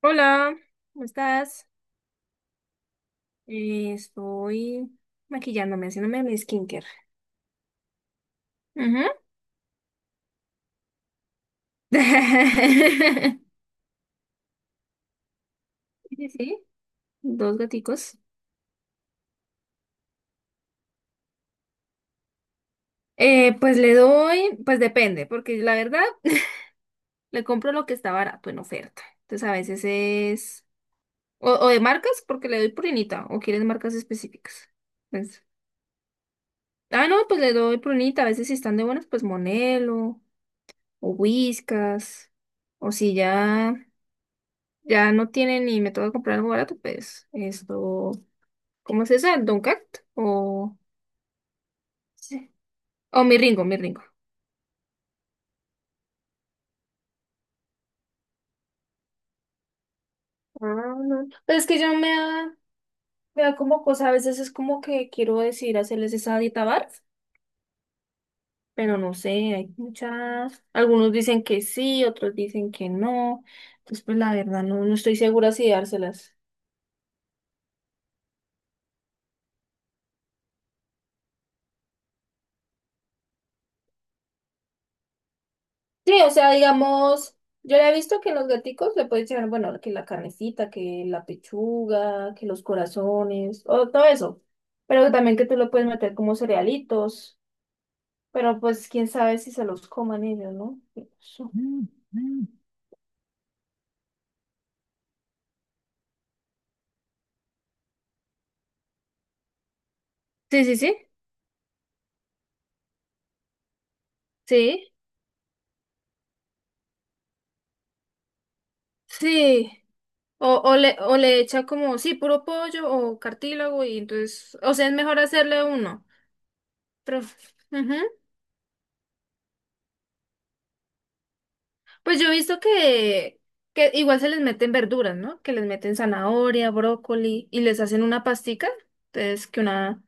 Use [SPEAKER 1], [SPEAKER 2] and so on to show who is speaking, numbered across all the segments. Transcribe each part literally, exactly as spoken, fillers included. [SPEAKER 1] Hola, ¿cómo estás? Eh, estoy maquillándome, haciéndome mi skincare. Ujú. Sí, sí, sí, dos gaticos. Eh, pues le doy, pues depende, porque la verdad le compro lo que está barato en oferta. Entonces a veces es... O, o de marcas, porque le doy prunita, o quieres marcas específicas. Pues, ah, no, pues le doy prunita. A veces si están de buenas, pues Monelo, o Whiskas, o si ya... ya no tienen y me tengo que comprar algo barato, pues esto, ¿cómo se dice? ¿Dunkat? O, sí, o mi Ringo, mi Ringo. Ah, no. Pero es que yo me da, me da como cosa, a veces es como que quiero decir hacerles esa dieta barf, pero no sé, hay muchas, algunos dicen que sí, otros dicen que no, entonces pues la verdad no, no estoy segura si dárselas. Sí, o sea, digamos, yo ya he visto que en los gaticos le puedes echar, bueno, que la carnecita, que la pechuga, que los corazones, o todo eso. Pero también que tú lo puedes meter como cerealitos. Pero pues quién sabe si se los coman ellos, ¿no? Eso. Mm, mm. Sí, sí, sí, sí, sí. O, o le, o le echa como, sí, puro pollo o cartílago y entonces, o sea, es mejor hacerle uno. Pero, ujú. Pues yo he visto que, que igual se les meten verduras, ¿no? Que les meten zanahoria, brócoli y les hacen una pastica. Entonces que una,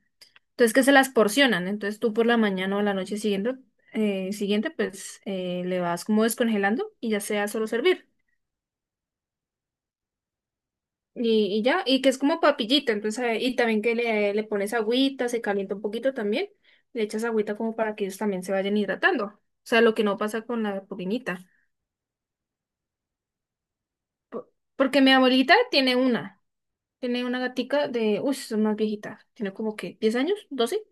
[SPEAKER 1] entonces que se las porcionan. Entonces tú por la mañana o la noche siguiente, eh, siguiente, pues eh, le vas como descongelando y ya sea solo servir. Y, y ya, y que es como papillita, entonces, eh, y también que le, le pones agüita, se calienta un poquito también, le echas agüita como para que ellos también se vayan hidratando. O sea, lo que no pasa con la pupinita. Por- Porque mi abuelita tiene una. Tiene una gatica de, uy, es más viejita, tiene como que diez años, doce.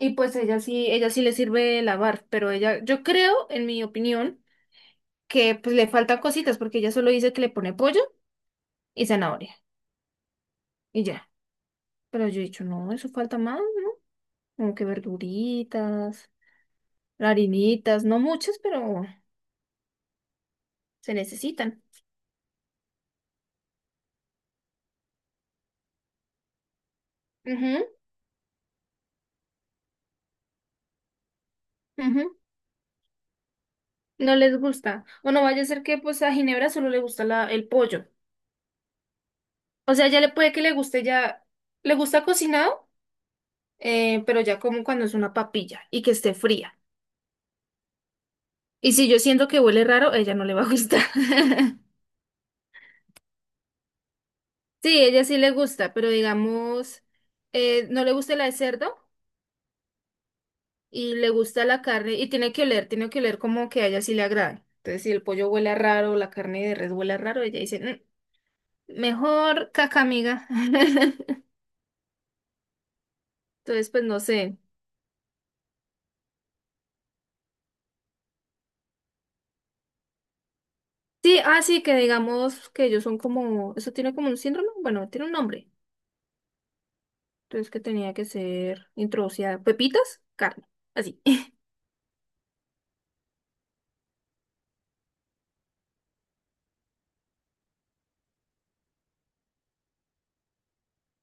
[SPEAKER 1] Y pues ella sí, ella sí le sirve lavar, pero ella, yo creo, en mi opinión, que pues le faltan cositas, porque ella solo dice que le pone pollo y zanahoria, y ya. Pero yo he dicho, no, eso falta más, como que verduritas, harinitas, no muchas, pero se necesitan. Ujú, ujú. No les gusta. O no vaya a ser que pues a Ginebra solo le gusta la, el pollo. O sea, ya le puede que le guste ya, ¿le gusta cocinado? Eh, pero ya como cuando es una papilla y que esté fría. Y si yo siento que huele raro, ella no le va a gustar. Sí, ella sí le gusta, pero digamos, eh, no le gusta la de cerdo y le gusta la carne y tiene que oler, tiene que oler como que a ella sí le agrade. Entonces, si el pollo huele raro, la carne de res huele raro, ella dice, "Mm, mejor caca, amiga". Entonces, pues no sé. Sí, ah, sí, que digamos que ellos son como, eso tiene como un síndrome, bueno, tiene un nombre. Entonces que tenía que ser introducida. Pepitas, carne. Así.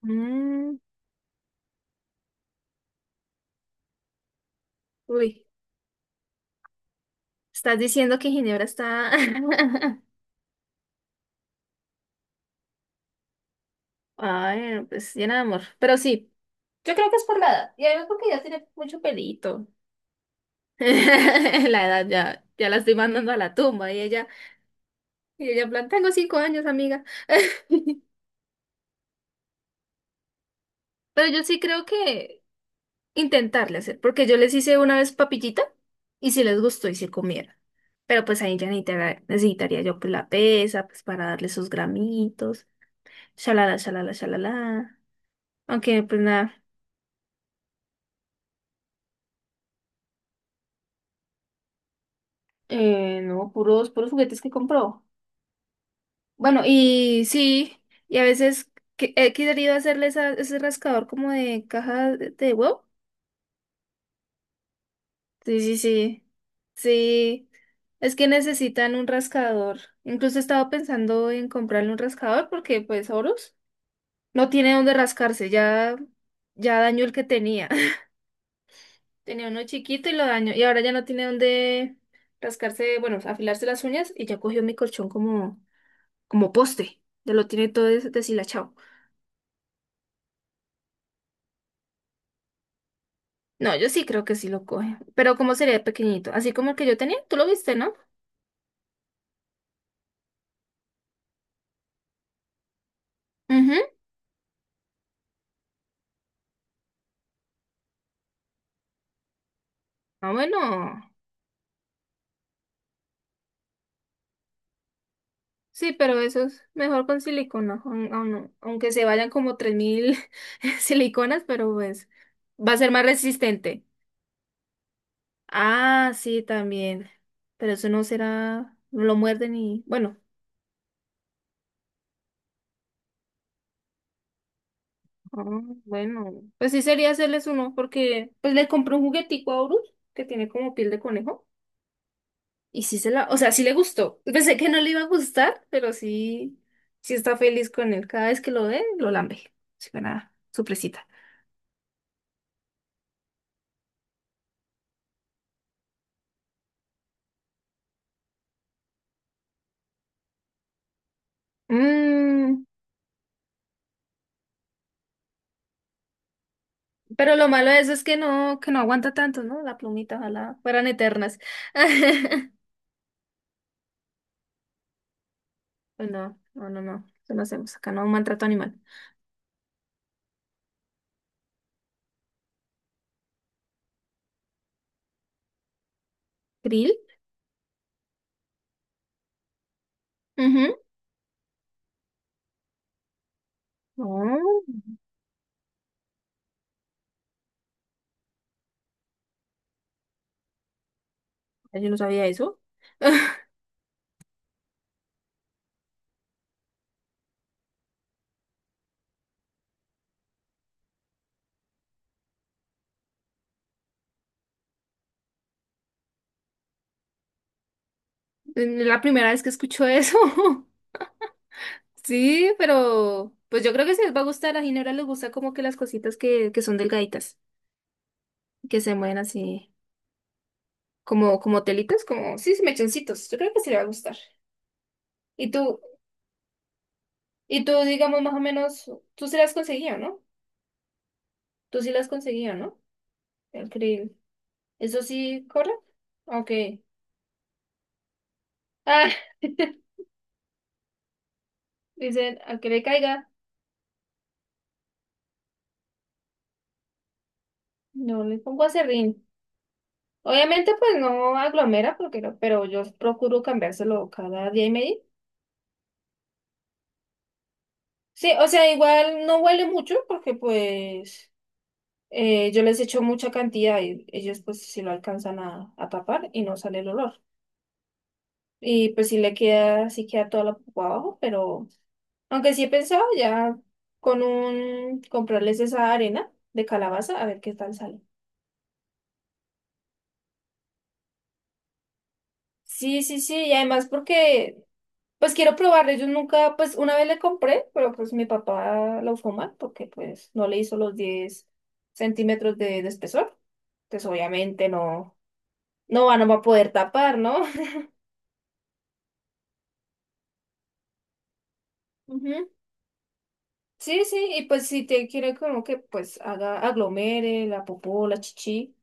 [SPEAKER 1] Mm, uy, estás diciendo que Ginebra está... Ay, no, pues llena de amor. Pero sí, yo creo que es por la edad. Y además porque ya tiene mucho pelito. La edad ya, ya la estoy mandando a la tumba. Y ella, y ella en plan, tengo cinco años, amiga. Pero yo sí creo que intentarle hacer, porque yo les hice una vez papillita y si les gustó y se comieron. Pero pues ahí ya necesitara- necesitaría yo pues la pesa, pues para darle sus gramitos, shalala, shalala, shalala. Aunque pues nada, eh, no, puros, puros juguetes que compró. Bueno, y sí, y a veces que- he querido hacerle esa- ese rascador como de caja de de huevo. Sí, sí, sí. Sí, es que necesitan un rascador. Incluso estaba pensando en comprarle un rascador porque pues Horus no tiene dónde rascarse, ya ya dañó el que tenía. Tenía uno chiquito y lo dañó y ahora ya no tiene dónde rascarse, bueno, afilarse las uñas y ya cogió mi colchón como como poste. Ya lo tiene todo des- deshilachado. No, yo sí creo que sí lo coge, pero como sería pequeñito, así como el que yo tenía, tú lo viste, ¿no? Ujú. Ah, bueno. Sí, pero eso es mejor con silicona, aun- aun- aunque se vayan como tres mil siliconas, pero pues va a ser más resistente. Ah, sí, también. Pero eso no será, no lo muerden y bueno. Ah, bueno, pues sí sería hacerles uno porque pues le compré un juguetico a Horus que tiene como piel de conejo y sí se la, o sea, sí le gustó. Pensé que no le iba a gustar, pero sí, sí está feliz con él. Cada vez que lo ve, lo lambe. Sí, para nada, su presita. Pero lo malo de eso es que no, que no aguanta tanto, ¿no? La plumita, ojalá fueran eternas. Pues no, no, no, no. Eso no hacemos. Acá no maltrato animal. ¿Krill? Ujú. No, yo no sabía eso. La primera vez que escucho eso. Sí, pero pues yo creo que sí les va a gustar. A Ginebra les gusta como que las cositas que, que son delgaditas, que se mueven así, como, como telitas, como, sí, sí, mechoncitos. Yo creo que sí le va a gustar. Y tú, y tú, digamos, más o menos, tú se las conseguías, ¿no? Tú sí las has conseguido, ¿no? Increíble. ¿Eso sí corre? Ok. Ah, dicen, a que le caiga, no le pongo aserrín. Obviamente, pues no aglomera, porque no- pero yo procuro cambiárselo cada día y medio. Sí, o sea, igual no huele mucho, porque pues eh, yo les echo mucha cantidad y ellos pues si lo alcanzan a, a tapar y no sale el olor. Y pues sí le queda, sí queda toda la pupa abajo, pero. Aunque sí he pensado ya con un comprarles esa arena de calabaza a ver qué tal sale. Sí, sí, sí, y además porque pues quiero probarle. Yo nunca, pues una vez le compré, pero pues mi papá lo usó mal porque pues no le hizo los diez centímetros de, de espesor. Entonces obviamente no, no va no va a poder tapar, ¿no? Ujú. Sí, sí, y pues si te quiere como que pues haga aglomere la popó, la chichi.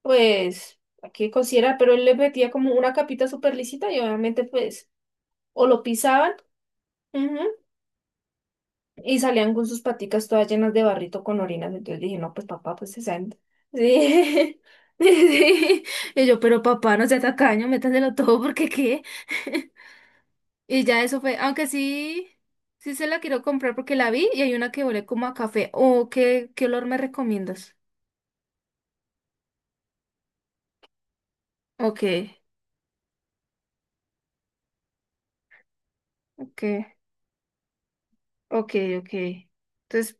[SPEAKER 1] Pues, hay que considerar, pero él le metía como una capita súper lisita y obviamente, pues, o lo pisaban, ujú, y salían con sus paticas todas llenas de barrito con orinas. Entonces dije, no, pues papá, pues se salen. Sí. Sí. Y yo, pero papá, no sea tacaño, métaselo todo porque qué. Y ya eso fue, aunque sí, sí se la quiero comprar porque la vi y hay una que huele como a café. Oh, ¿qué, qué olor me recomiendas? Ok, ok, ok, ok. Entonces,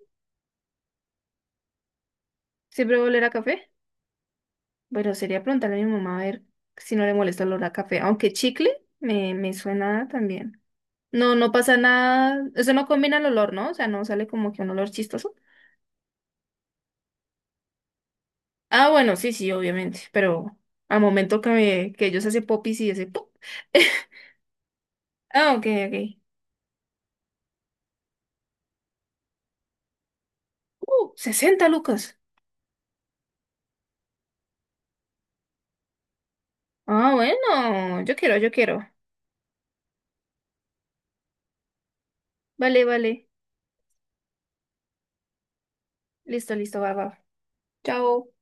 [SPEAKER 1] ¿siempre va a oler a café? Pero sería preguntarle a mi mamá a ver si no le molesta el olor a café. Aunque chicle me, me suena también. No, no pasa nada. Eso no combina el olor, ¿no? O sea, no sale como que un olor chistoso. Ah, bueno, sí, sí, obviamente. Pero al momento que, me- que ellos hacen popis y ese pop. Ah, ok, ok. Uh, sesenta lucas. Ah, bueno, yo quiero, yo quiero. Vale, vale. Listo, listo, va, va. Chao.